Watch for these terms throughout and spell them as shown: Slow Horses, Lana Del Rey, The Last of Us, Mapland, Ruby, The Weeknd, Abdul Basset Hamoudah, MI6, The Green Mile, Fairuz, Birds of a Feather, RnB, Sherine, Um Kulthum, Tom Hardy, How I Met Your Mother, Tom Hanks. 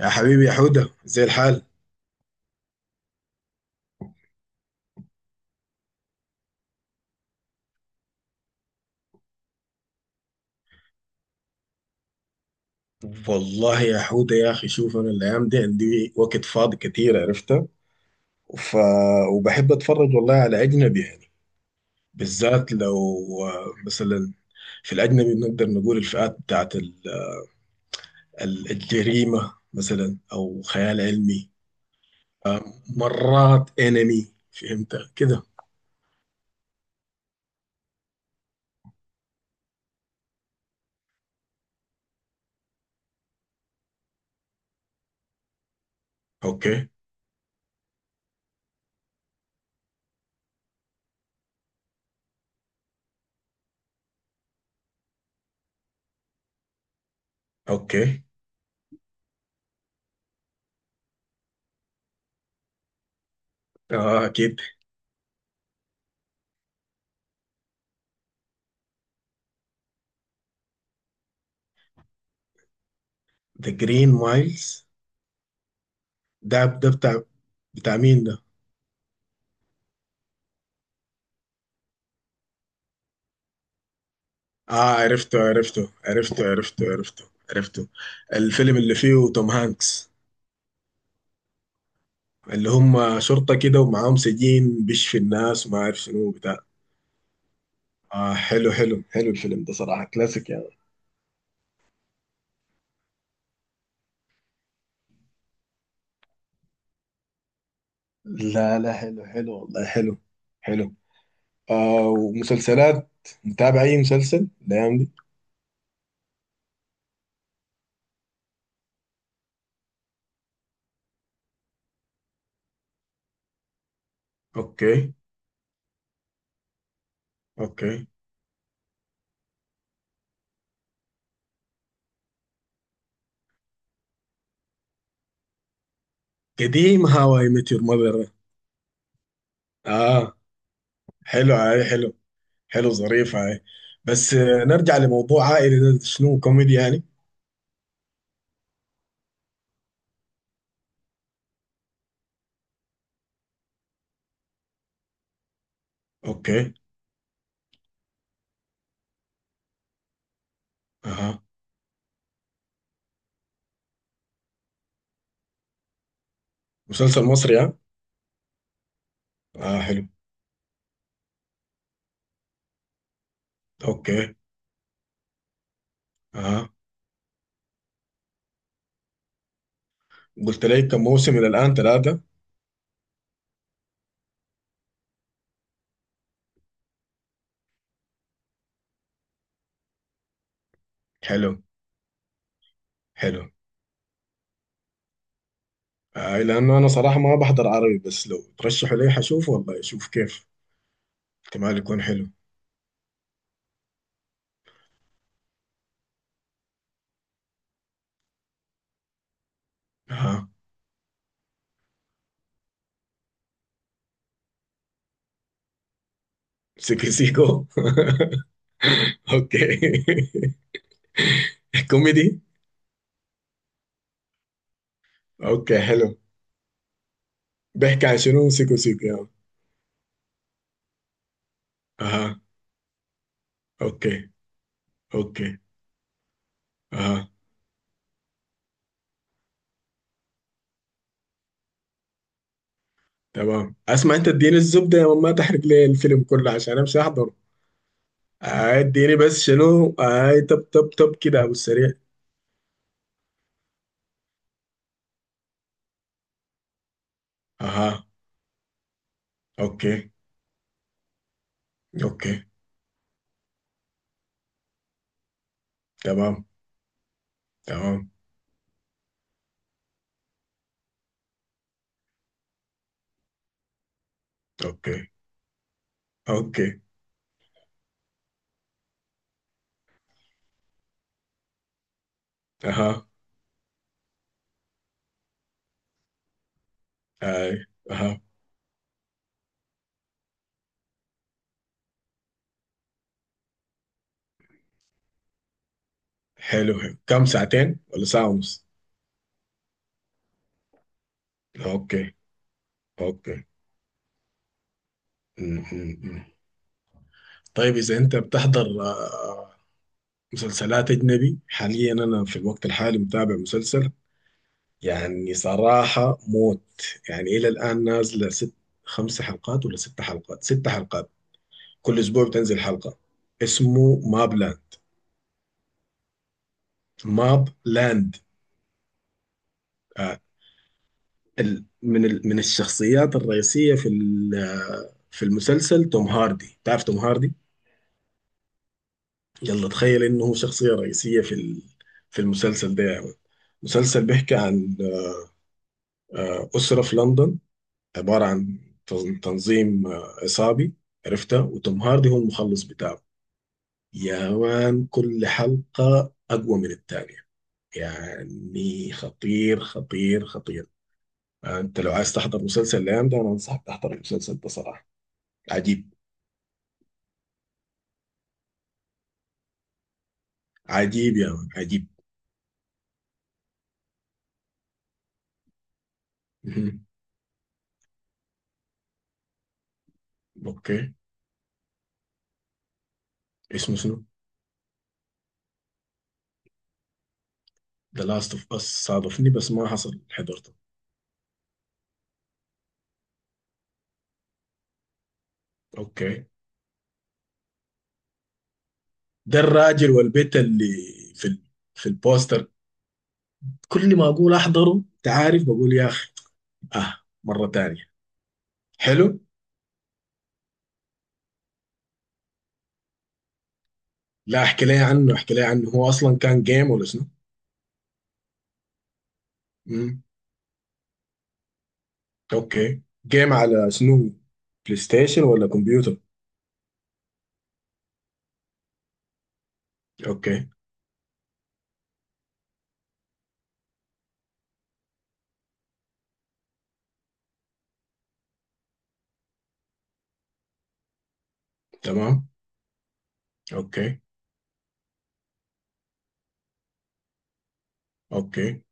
يا حبيبي يا حودة، زي الحال. والله يا حودة يا أخي، شوف أنا الأيام دي عندي وقت فاضي كتير، عرفتها. ف... وبحب أتفرج والله على أجنبي يعني. بالذات لو مثلا في الأجنبي بنقدر نقول الفئات بتاعت الجريمة مثلا أو خيال علمي. آه، مرات أنمي فهمت كده. أوكي. أوكي. آه أكيد. ذا جرين مايلز. ده بتاع مين؟ اه، عرفته عرفته عرفته عرفته عرفته عرفته. الفيلم اللي فيه توم هانكس، اللي هم شرطة كده ومعاهم سجين بيشفي الناس وما عارف شنو بتاع. اه، حلو حلو حلو، الفيلم ده صراحة كلاسيك يعني. لا لا، حلو حلو والله، حلو حلو. ومسلسلات. متابع اي مسلسل الايام دي؟ اوكي. اوكي. قديم هاو اي ميت يور ماذر. اه حلو، هاي حلو. حلو ظريف هاي. بس نرجع لموضوع عائلي، ده شنو، كوميدي يعني؟ اوكي. اها. مسلسل مصري ها؟ اه حلو. اوكي. اها. قلت لي كم موسم الى الان، ثلاثة؟ حلو حلو. لانه انا صراحة ما بحضر عربي، بس لو ترشحوا لي حشوف والله، اشوف كيف. احتمال يكون حلو. اها. سيكو سيكو اوكي. كوميدي. اوكي حلو. بيحكي عن شنو سيكو سيكو يعني؟ اها. اوكي. اوكي. اها. تمام. اسمع انت، اديني الزبدة يا ماما، ما تحرق لي الفيلم كله عشان امشي احضر. اديني بس شنو اي، طب طب طب كده ابو السريع. اها. اوكي. اوكي. تمام. تمام. اوكي. اوكي. اها. اي. اها. حلو حلو، كم ساعتين ولا ساعة ونص؟ اوكي. اوكي. م- م- م. طيب اذا انت بتحضر مسلسلات اجنبي حاليا، انا في الوقت الحالي متابع مسلسل يعني صراحة موت. يعني الى الان نازلة ست، خمس حلقات ولا ست حلقات، ست حلقات. كل اسبوع بتنزل حلقه. اسمه ماب لاند. ماب لاند. آه، من الشخصيات الرئيسيه في ال- آه، في المسلسل توم هاردي، تعرف توم هاردي؟ يلا تخيل انه هو شخصيه رئيسيه في المسلسل ده يا مان. مسلسل بيحكي عن اسره في لندن، عباره عن تنظيم عصابي، عرفتها. وتوم هاردي هو المخلص بتاعه. يا مان، كل حلقه اقوى من الثانيه، يعني خطير خطير خطير. انت لو عايز تحضر مسلسل الايام ده، انا انصحك تحضر المسلسل ده صراحه. عجيب. عجيب يا مان، عجيب. مهم. اوكي. اسمه شنو؟ ذا لاست اوف اس. صادفني بس ما حصل حضرته. اوكي. ده الراجل والبيت اللي في ال... في البوستر؟ كل ما اقول احضره، انت عارف، بقول يا اخي اه مره تانية. حلو. لا احكي لي عنه، احكي لي عنه. هو اصلا كان جيم ولا شنو؟ مم. اوكي، جيم على شنو، بلاي ستيشن ولا كمبيوتر؟ اوكي. تمام. اوكي. اوكي.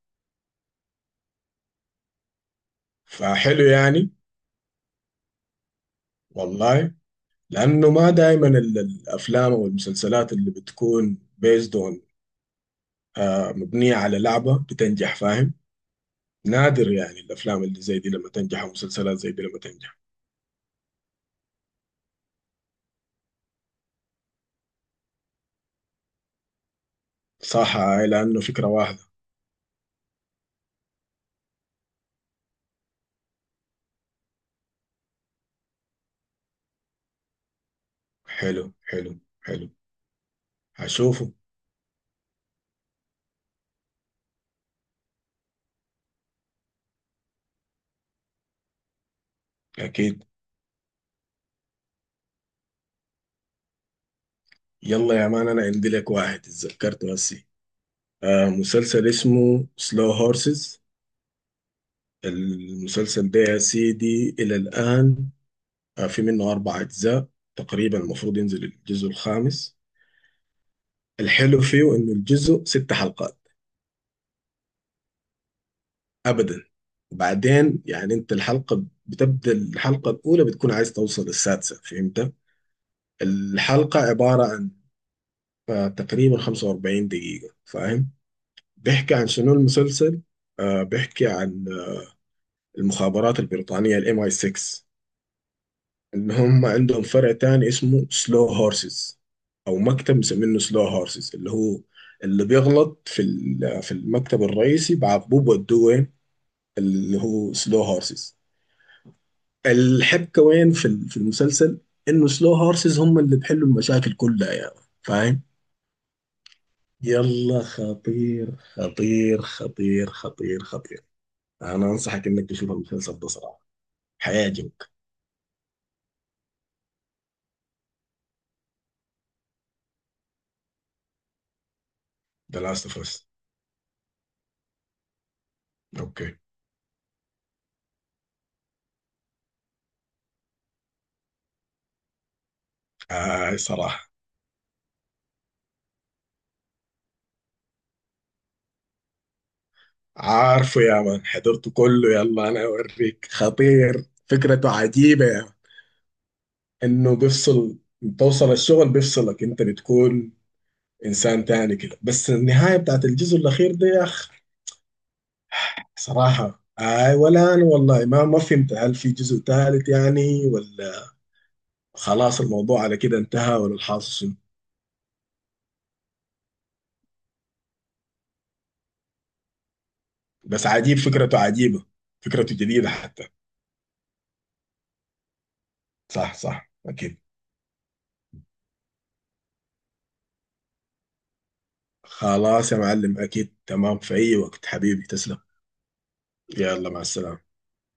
فحلو يعني. والله، لأنه ما دائما الأفلام أو المسلسلات اللي بتكون بيزد اون، مبنية على لعبة بتنجح، فاهم؟ نادر يعني الأفلام اللي زي دي لما تنجح، أو مسلسلات زي دي لما تنجح. صح هاي، لأنه فكرة واحدة. حلو حلو حلو. هشوفه. أكيد. يلا يا مان، أنا عندي لك واحد اتذكرته هسي. مسلسل اسمه سلو هورسز. المسلسل ده يا سيدي، إلى الآن في منه أربع أجزاء، تقريبا المفروض ينزل الجزء الخامس. الحلو فيه إنه الجزء ست حلقات، أبدا. وبعدين يعني، أنت الحلقة بتبدأ، الحلقة الأولى بتكون عايز توصل للسادسة، فهمت؟ الحلقة عبارة عن تقريبا 45 دقيقة، فاهم؟ بيحكي عن شنو المسلسل؟ بيحكي عن المخابرات البريطانية ال MI6، ان هم عندهم فرع تاني اسمه سلو هورسز، او مكتب مسمينه سلو هورسز، اللي هو اللي بيغلط في المكتب الرئيسي بعاقبوه بودوه وين، اللي هو سلو هورسز. الحبكه وين في المسلسل، انه سلو هورسز هم اللي بيحلوا المشاكل كلها يعني، فاهم؟ يلا خطير خطير خطير خطير خطير. انا انصحك انك تشوف المسلسل ده صراحه، هيعجبك. ذا لاست اوف اس. اوكي. صراحه عارفه يا مان، حضرته كله. يلا انا اوريك، خطير، فكرته عجيبه يا مان. انه بيفصل، توصل الشغل بيفصلك انت، بتكون انسان تاني كده. بس النهايه بتاعت الجزء الاخير ده يا اخ، صراحه اي. ولا انا والله ما فهمت، هل في جزء ثالث يعني، ولا خلاص الموضوع على كده انتهى، ولا الحاصل شنو؟ بس عجيب، فكرته عجيبه، فكرته جديده حتى. صح صح اكيد. خلاص يا معلم، اكيد تمام في اي وقت، حبيبي تسلم. يلا مع السلامه.